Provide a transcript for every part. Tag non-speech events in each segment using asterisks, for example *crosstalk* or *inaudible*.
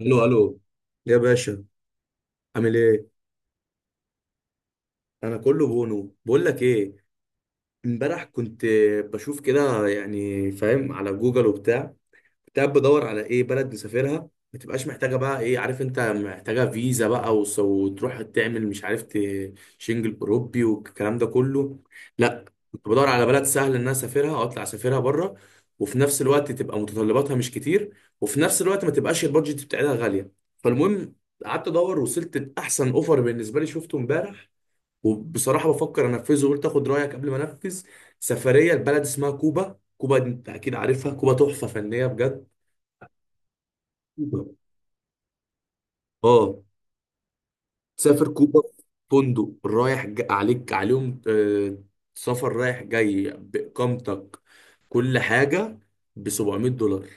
الو الو يا باشا. عامل ايه؟ انا كله بونو، بقول لك ايه، امبارح كنت بشوف كده يعني فاهم، على جوجل وبتاع، كنت بدور على ايه، بلد نسافرها ما تبقاش محتاجه، بقى ايه، عارف انت محتاجه فيزا بقى، وتروح تعمل مش عارف، شنجل اوروبي والكلام ده كله. لا، كنت بدور على بلد سهل ان انا اسافرها او اطلع اسافرها بره، وفي نفس الوقت تبقى متطلباتها مش كتير، وفي نفس الوقت ما تبقاش البادجت بتاعتها غاليه. فالمهم، قعدت ادور وصلت لاحسن اوفر بالنسبه لي، شفته امبارح، وبصراحه بفكر انفذه وقلت اخد رايك قبل ما انفذ. سفريه لبلد اسمها كوبا. كوبا دي انت اكيد عارفها، كوبا تحفه فنيه بجد. كوبا، اه. تسافر كوبا في فندق رايح عليك عليهم، سفر رايح جاي بإقامتك، كل حاجة، ب $700،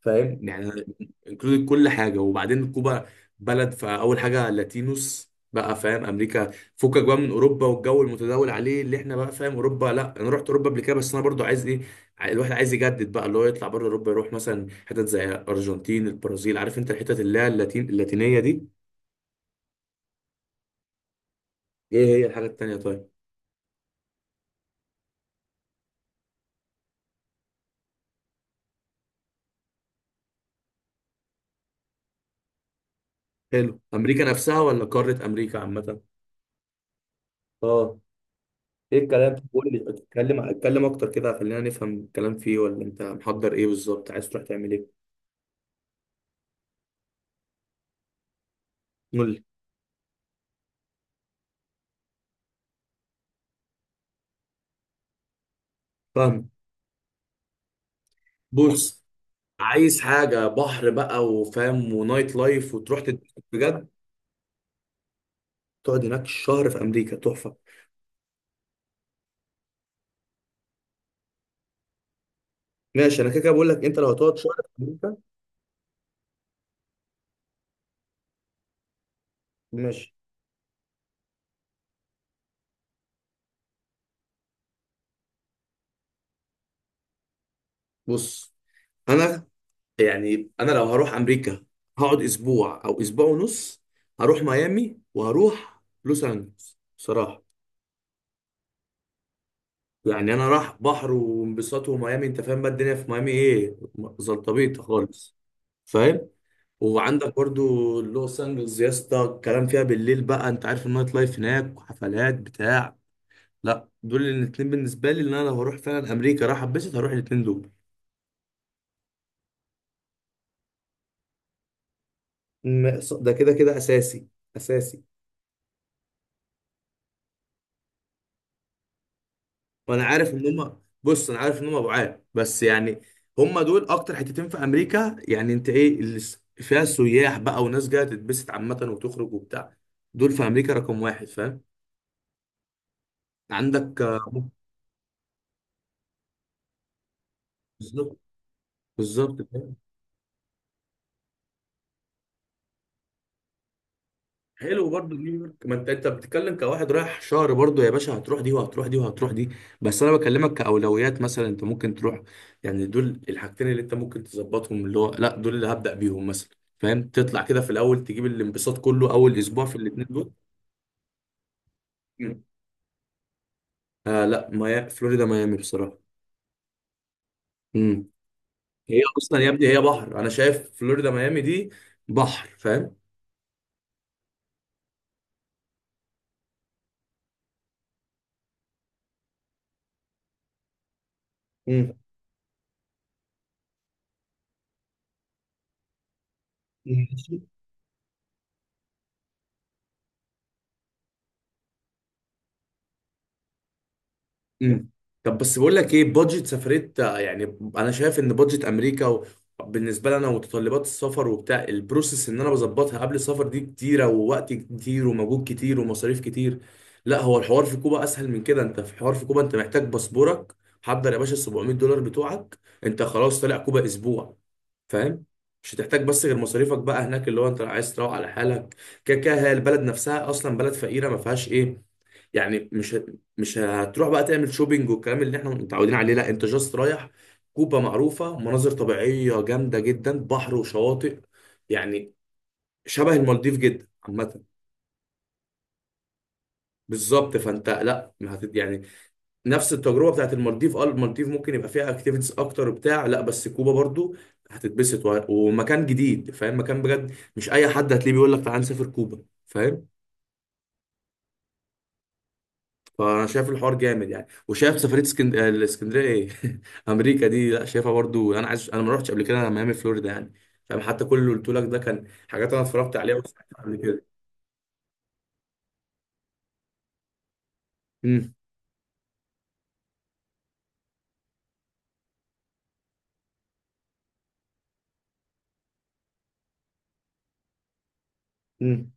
فاهم يعني. انكلود كل حاجة. وبعدين كوبا بلد، فأول حاجة لاتينوس بقى، فاهم، أمريكا، فكك بقى من أوروبا والجو المتداول عليه اللي احنا بقى فاهم. أوروبا، لا أنا رحت أوروبا قبل كده، بس أنا برضو عايز إيه، الواحد عايز يجدد بقى، اللي هو يطلع بره أوروبا، يروح مثلا حتت زي أرجنتين البرازيل، عارف أنت الحتت اللي هي اللاتين اللاتينية دي. ايه هي الحاجة التانية طيب؟ حلو، أمريكا نفسها ولا قارة أمريكا عامة؟ اه. ايه الكلام؟ قول لي اتكلم، اتكلم أكتر كده، خلينا نفهم الكلام فيه ولا أنت محضر ايه بالظبط؟ عايز تروح تعمل ايه؟ قول لي فاهم. بص، عايز حاجة بحر بقى وفاهم ونايت لايف وتروح تتبسط بجد. تقعد هناك شهر في أمريكا؟ تحفة. ماشي، أنا كده كده بقول لك أنت لو هتقعد شهر في أمريكا، ماشي. بص، أنا يعني انا لو هروح امريكا، هقعد اسبوع او اسبوع ونص، هروح ميامي وهروح لوس انجلوس بصراحه. يعني انا راح بحر وانبساط وميامي، انت فاهم بقى الدنيا في ميامي ايه، زلطبيطه خالص، فاهم. وعندك برضو لوس انجلوس يا اسطى، الكلام فيها بالليل بقى، انت عارف النايت لايف هناك وحفلات بتاع. لا، دول الاتنين بالنسبه لي، اللي انا لو هروح فعلا امريكا راح اتبسط هروح الاتنين دول. ده كده كده اساسي، اساسي. وانا عارف ان هم، بص انا عارف ان هم بعاد، بس يعني هم دول اكتر حتتين في امريكا، يعني انت ايه اللي فيها سياح بقى وناس جايه تتبسط عامه وتخرج وبتاع. دول في امريكا رقم واحد، فاهم. عندك بالظبط، بالظبط. حلو برضه نيويورك، ما انت بتتكلم كواحد رايح شهر، برضه يا باشا، هتروح دي وهتروح دي وهتروح دي. بس انا بكلمك كاولويات، مثلا انت ممكن تروح، يعني دول الحاجتين اللي انت ممكن تظبطهم، اللي هو لا دول اللي هبدأ بيهم مثلا. فاهم، تطلع كده في الاول، تجيب الانبساط كله اول اسبوع في الاتنين دول. مم. آه لا، فلوريدا ميامي بصراحة. امم. هي اصلا يا ابني هي بحر، انا شايف فلوريدا ميامي دي بحر، فاهم. مم. امم. طب بس بقول لك ايه، بادجت سفريه، يعني انا شايف ان بادجت امريكا بالنسبه لنا ومتطلبات السفر وبتاع البروسيس ان انا بظبطها قبل السفر دي كتيره، ووقت كتير ومجهود كتير ومصاريف كتير. لا هو الحوار في كوبا اسهل من كده، انت في حوار في كوبا انت محتاج باسبورك، حضر يا باشا ال $700 بتوعك، انت خلاص طالع كوبا اسبوع، فاهم. مش هتحتاج بس غير مصاريفك بقى هناك، اللي هو انت عايز تروح على حالك، كده كده هي البلد نفسها اصلا بلد فقيره ما فيهاش ايه. يعني مش هتروح بقى تعمل شوبينج والكلام اللي احنا متعودين عليه، لا انت جاست رايح. كوبا معروفة مناظر طبيعية جامدة جدا، بحر وشواطئ، يعني شبه المالديف جدا عامة. بالظبط فانت لا، ما هت- يعني نفس التجربة بتاعت المالديف. اه المالديف ممكن يبقى فيها اكتيفيتيز اكتر بتاع، لا بس كوبا برضو هتتبسط ومكان جديد، فاهم، مكان بجد مش اي حد هتلاقيه بيقول لك تعال نسافر كوبا، فاهم. فانا شايف الحوار جامد يعني، وشايف سفريه اسكند... آه، الاسكندريه ايه *laughs* امريكا دي لا شايفها برضو، انا عايز، انا ما رحتش قبل كده انا ميامي فلوريدا يعني، فاهم. حتى كل اللي قلت لك ده كان حاجات انا اتفرجت عليها وسمعتها قبل كده. امم. امم.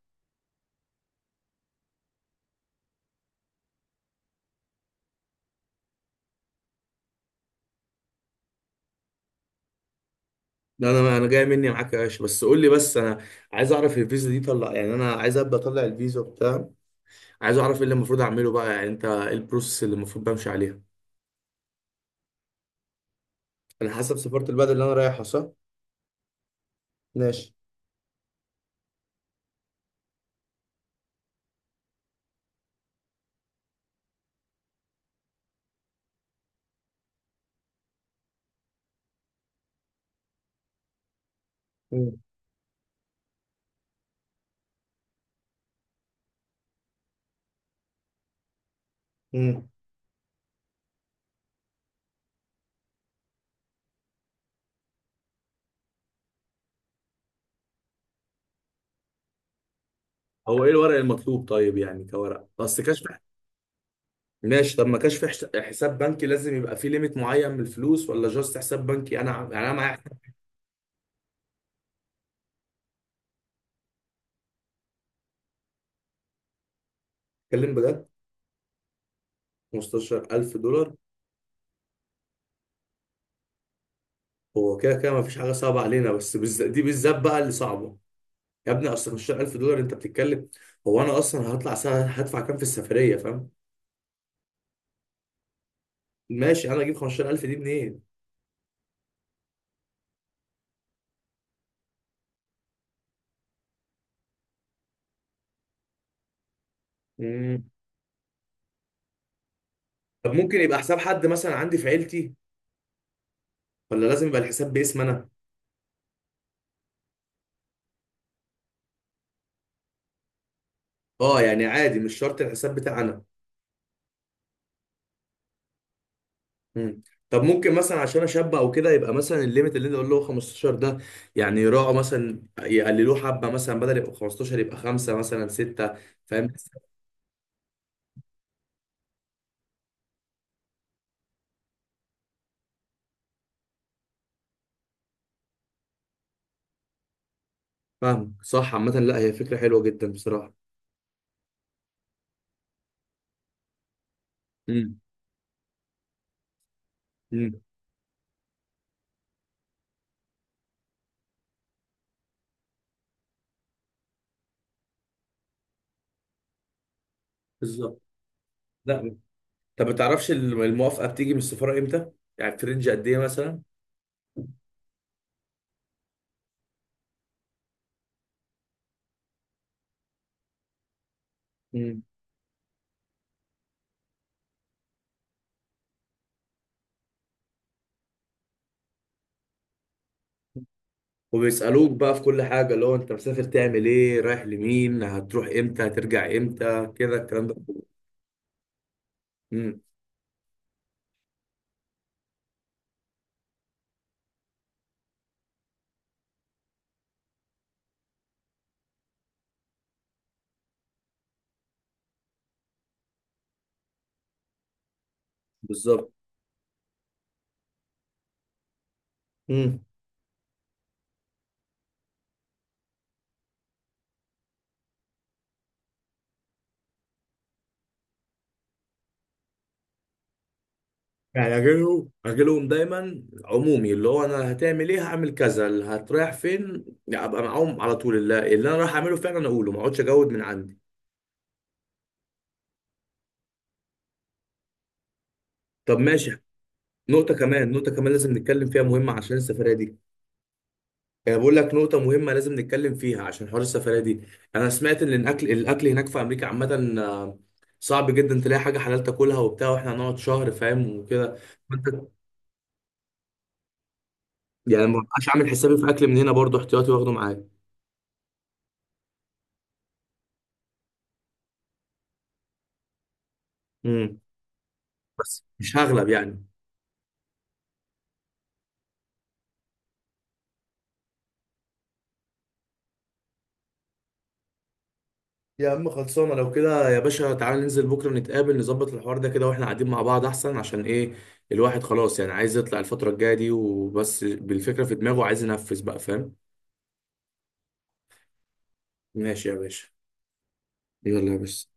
لا انا جاي مني معاك يا باشا، بس قول لي، بس انا عايز اعرف الفيزا دي، طلع يعني انا عايز ابدا اطلع الفيزا بتاع، عايز اعرف ايه اللي المفروض اعمله بقى، يعني انت ايه البروسيس اللي المفروض بمشي عليها. انا حسب سفاره البلد اللي انا رايحها، صح؟ ماشي. امم. امم. هو ايه الورق المطلوب طيب، يعني كورق اصل كشف. ماشي. طب ما كانش في حساب بنكي لازم يبقى فيه ليميت معين من الفلوس ولا جاست حساب بنكي، انا يعني انا معايا. اتكلم بجد. $15,000؟ هو كده كده ما فيش حاجه صعبه علينا، بس بالذات دي، بالذات بقى اللي صعبه. يا ابني اصل $15,000 انت بتتكلم، هو انا اصلا هطلع سنه هدفع كام في السفريه، فاهم. ماشي، انا اجيب 15,000 دي منين؟ مم. طب ممكن يبقى حساب حد مثلا عندي في عيلتي، ولا لازم يبقى الحساب باسم انا؟ اه يعني عادي مش شرط الحساب بتاعي انا. مم. طب ممكن مثلا عشان اشبع او كده يبقى مثلا الليميت اللي انت قلت له 15 ده، يعني يراعوا مثلا يقللوه حبه، مثلا بدل يبقى 15 يبقى خمسه مثلا سته، فاهم. فاهم، صح، عامه لا هي فكره حلوه جدا بصراحه. امم. امم. بالظبط. لا. طب ما تعرفش الموافقه بتيجي من السفاره امتى؟ يعني في رينج قد ايه مثلا؟ امم. وبيسالوك بقى في كل حاجه، اللي هو انت مسافر تعمل ايه؟ رايح لمين؟ هتروح امتى؟ هترجع امتى؟ كده الكلام ده. امم. بالظبط. يعني اجيلهم، اجيلهم دايما عمومي، اللي هو انا هتعمل ايه هعمل كذا، اللي هتريح فين، يعني ابقى معاهم على طول اللي انا رايح اعمله فعلا اقوله، ما اقعدش اجود من عندي. طب ماشي. نقطة كمان، نقطة كمان لازم نتكلم فيها مهمة عشان السفرية دي، يعني بقول لك نقطة مهمة لازم نتكلم فيها عشان حوار السفرية دي. انا سمعت ان الاكل، الاكل هناك في امريكا عامة، صعب جدا تلاقي حاجة حلال تاكلها وبتاع، واحنا هنقعد شهر فاهم وكده. فانت يعني ما بقاش عامل حسابي في اكل من هنا برضو احتياطي واخده معايا. امم. بس مش هغلب يعني. يا عم خلصانه، لو كده يا باشا تعالى ننزل بكره نتقابل نظبط الحوار ده كده واحنا قاعدين مع بعض احسن، عشان ايه، الواحد خلاص يعني عايز يطلع الفتره الجايه دي، وبس بالفكره في دماغه عايز ينفذ بقى، فاهم. ماشي يا باشا. يلا يا باشا.